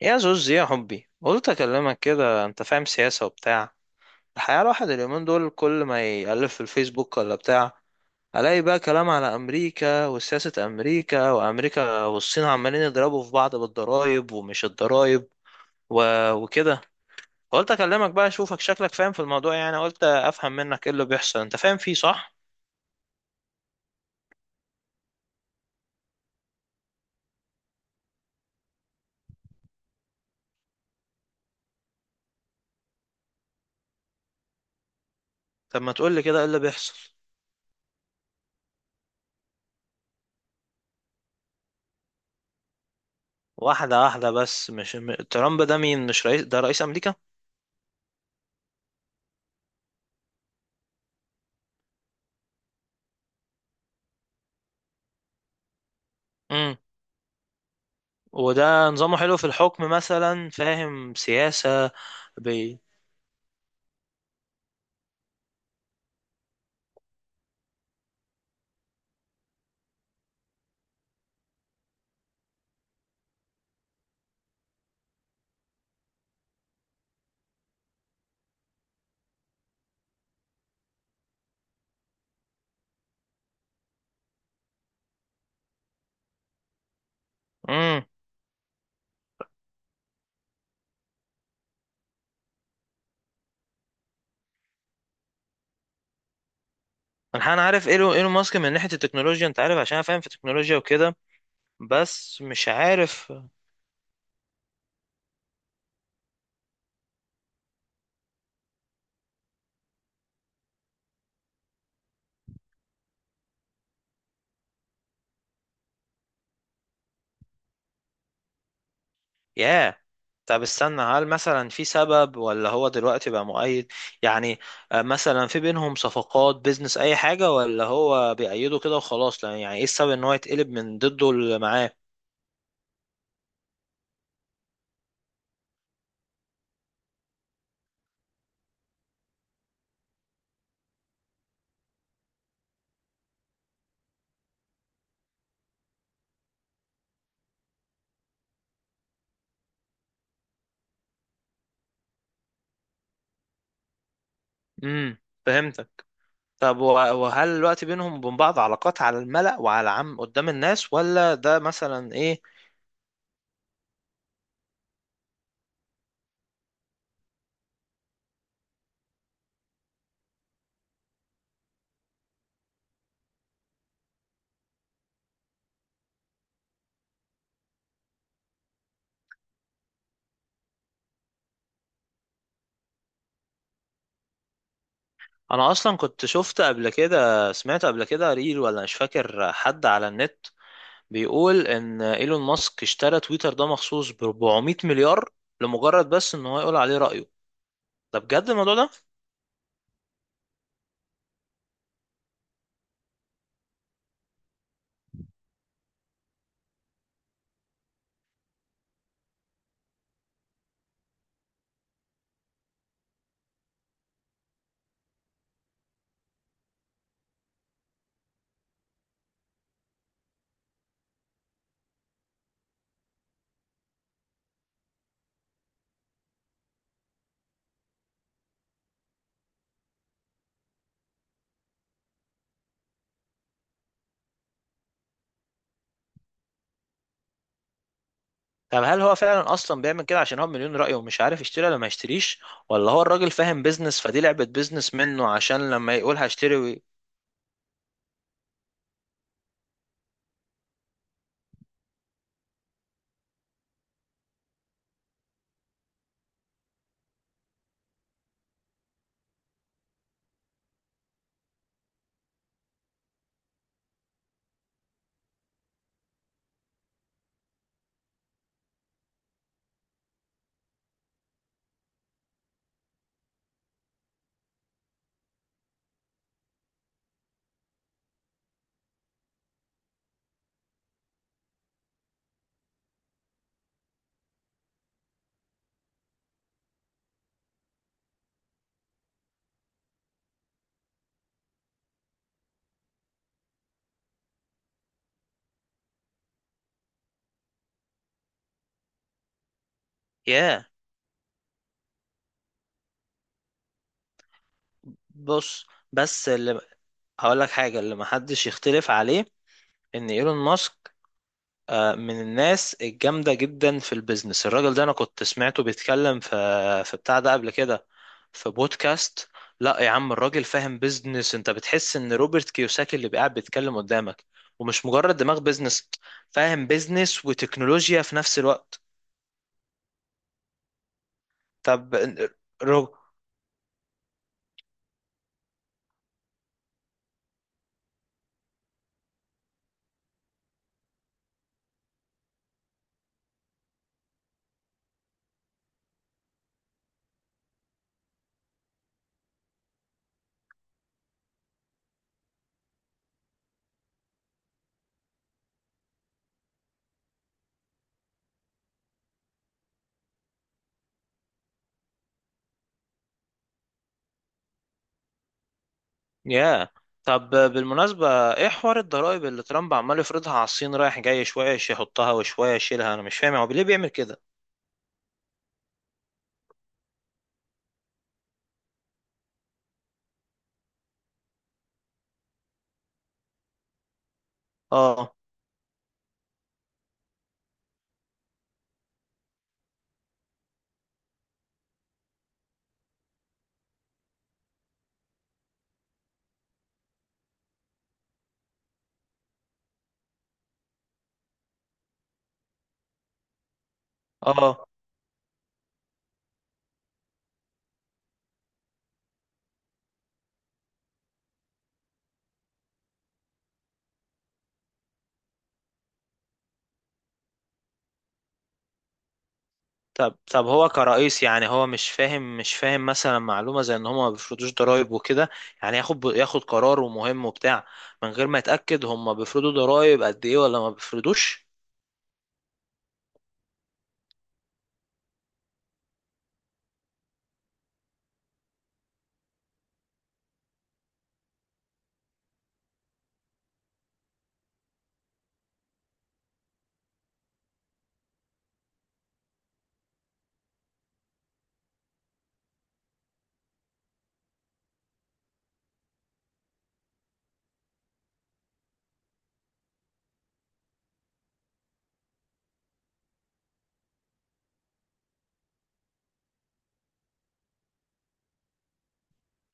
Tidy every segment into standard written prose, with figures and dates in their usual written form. يا زوز، يا حبي، قلت اكلمك كده. انت فاهم سياسة وبتاع. الحقيقة الواحد اليومين دول كل ما يألف في الفيسبوك ولا بتاع، الاقي بقى كلام على امريكا وسياسة امريكا، وامريكا والصين عمالين يضربوا في بعض بالضرايب ومش الضرايب و... وكده. قلت اكلمك بقى اشوفك شكلك فاهم في الموضوع، يعني قلت افهم منك ايه اللي بيحصل. انت فاهم فيه، صح؟ طب ما تقول لي كده، ايه اللي بيحصل؟ واحدة واحدة بس. مش ترامب ده مين؟ مش رئيس؟ ده رئيس امريكا. وده نظامه حلو في الحكم مثلا؟ فاهم سياسة؟ بي امم انا عارف ايلون ماسك من ناحية التكنولوجيا، انت عارف، عشان أنا فاهم في التكنولوجيا وكده. بس مش عارف. ياه. طب استنى، هل مثلا في سبب، ولا هو دلوقتي بقى مؤيد يعني؟ مثلا في بينهم صفقات بيزنس، اي حاجة، ولا هو بيأيده كده وخلاص؟ لا، يعني ايه السبب ان هو يتقلب من ضده اللي معاه؟ امم فهمتك. طب وهل الوقت بينهم وبين بعض علاقات على الملأ وعلى عام قدام الناس، ولا ده مثلا ايه؟ انا اصلا كنت شفت قبل كده، سمعت قبل كده ريل ولا مش فاكر، حد على النت بيقول ان ايلون ماسك اشترى تويتر ده مخصوص ب 400 مليار لمجرد بس ان هو يقول عليه رأيه. ده بجد الموضوع ده؟ طب هل هو فعلا اصلا بيعمل كده عشان هو مليون رأيه ومش عارف يشتري ولا ما يشتريش، ولا هو الراجل فاهم بيزنس، فدي لعبة بيزنس منه عشان لما يقول هشتري ياه؟ بص، بس اللي هقول لك حاجة اللي محدش يختلف عليه ان ايلون ماسك من الناس الجامدة جدا في البيزنس. الراجل ده انا كنت سمعته بيتكلم في بتاع ده قبل كده، في بودكاست. لا يا عم، الراجل فاهم بيزنس. انت بتحس ان روبرت كيوساكي اللي قاعد بيتكلم قدامك، ومش مجرد دماغ بيزنس. فاهم بيزنس وتكنولوجيا في نفس الوقت. طب، ياه، طب بالمناسبة، ايه حوار الضرائب اللي ترامب عمال يفرضها على الصين، رايح جاي شوية يحطها وشوية يشيلها؟ انا مش فاهم هو ليه بيعمل كده. اه. اه. طب. طب هو كرئيس، يعني هو مش فاهم، مثلا معلومة زي ان هم ما بيفرضوش ضرائب وكده، يعني ياخد قرار ومهم وبتاع من غير ما يتأكد هم بيفرضوا ضرائب قد ايه ولا ما بيفرضوش؟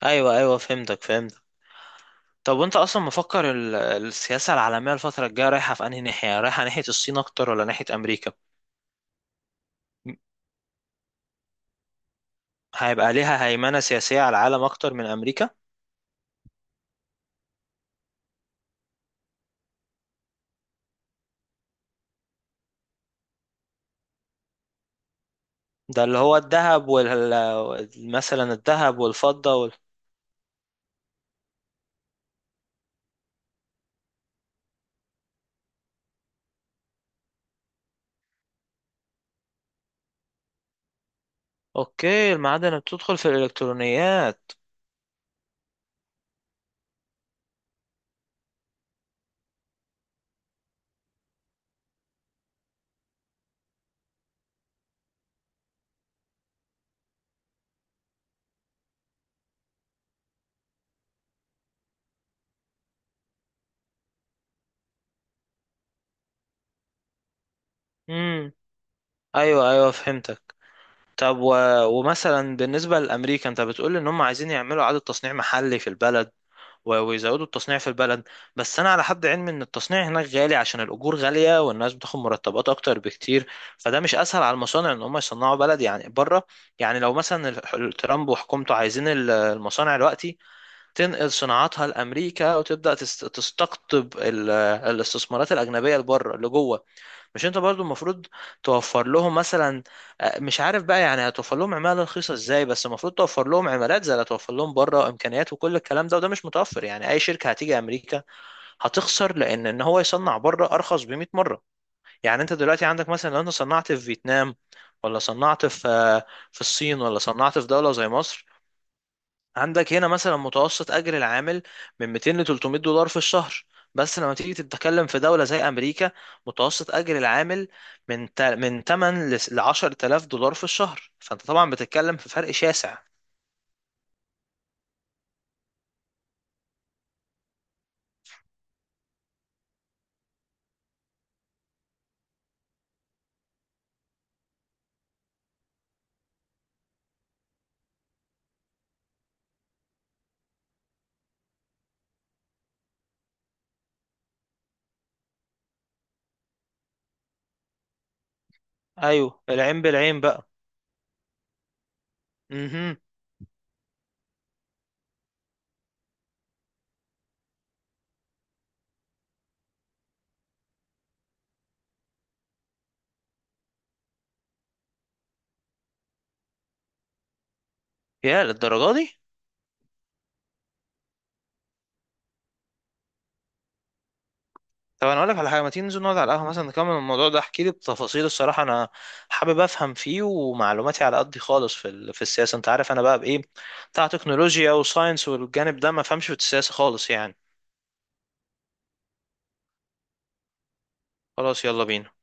ايوه، ايوه، فهمتك، فهمتك. طب وانت اصلا مفكر السياسة العالمية الفترة الجاية رايحة في انهي ناحية، رايحة ناحية الصين اكتر ولا ناحية امريكا؟ هيبقى ليها هيمنة سياسية على العالم أكتر من أمريكا؟ ده اللي هو الذهب، مثلا الذهب والفضة أوكي، المعادن بتدخل في الإلكترونيات. امم أيوه، أيوه، فهمتك. طب ومثلا بالنسبة لأمريكا، أنت بتقول إن هم عايزين يعملوا إعادة تصنيع محلي في البلد، ويزودوا التصنيع في البلد. بس انا على حد علمي ان التصنيع هناك غالي عشان الاجور غاليه والناس بتاخد مرتبات اكتر بكتير. فده مش اسهل على المصانع ان هم يصنعوا بلد يعني بره؟ يعني لو مثلا ترامب وحكومته عايزين المصانع دلوقتي تنقل صناعاتها لامريكا وتبدا تستقطب الاستثمارات الاجنبيه لبره لجوه، مش انت برضو المفروض توفر لهم مثلا، مش عارف بقى، يعني هتوفر لهم عمالة رخيصة ازاي؟ بس المفروض توفر لهم عمالات زي اللي هتوفر لهم بره، امكانيات وكل الكلام ده، وده مش متوفر. يعني اي شركة هتيجي امريكا هتخسر، لان ان هو يصنع بره ارخص ب 100 مرة. يعني انت دلوقتي عندك مثلا، لو انت صنعت في فيتنام، ولا صنعت في في الصين، ولا صنعت في دولة زي مصر، عندك هنا مثلا متوسط اجر العامل من 200 ل 300 دولار في الشهر. بس لما تيجي تتكلم في دولة زي امريكا، متوسط اجر العامل من من 8 ل 10000 دولار في الشهر. فانت طبعا بتتكلم في فرق شاسع. ايوه، العين بالعين بقى. امم يا للدرجة دي. طب انا اقول لك على حاجة، ما تيجي ننزل نقعد على القهوة مثلا نكمل الموضوع ده، احكي لي بتفاصيل. الصراحة انا حابب افهم فيه ومعلوماتي على قدي خالص في في السياسة. انت عارف انا بقى بايه، بتاع تكنولوجيا وساينس، والجانب ده ما فهمش في السياسة خالص يعني. خلاص يلا بينا.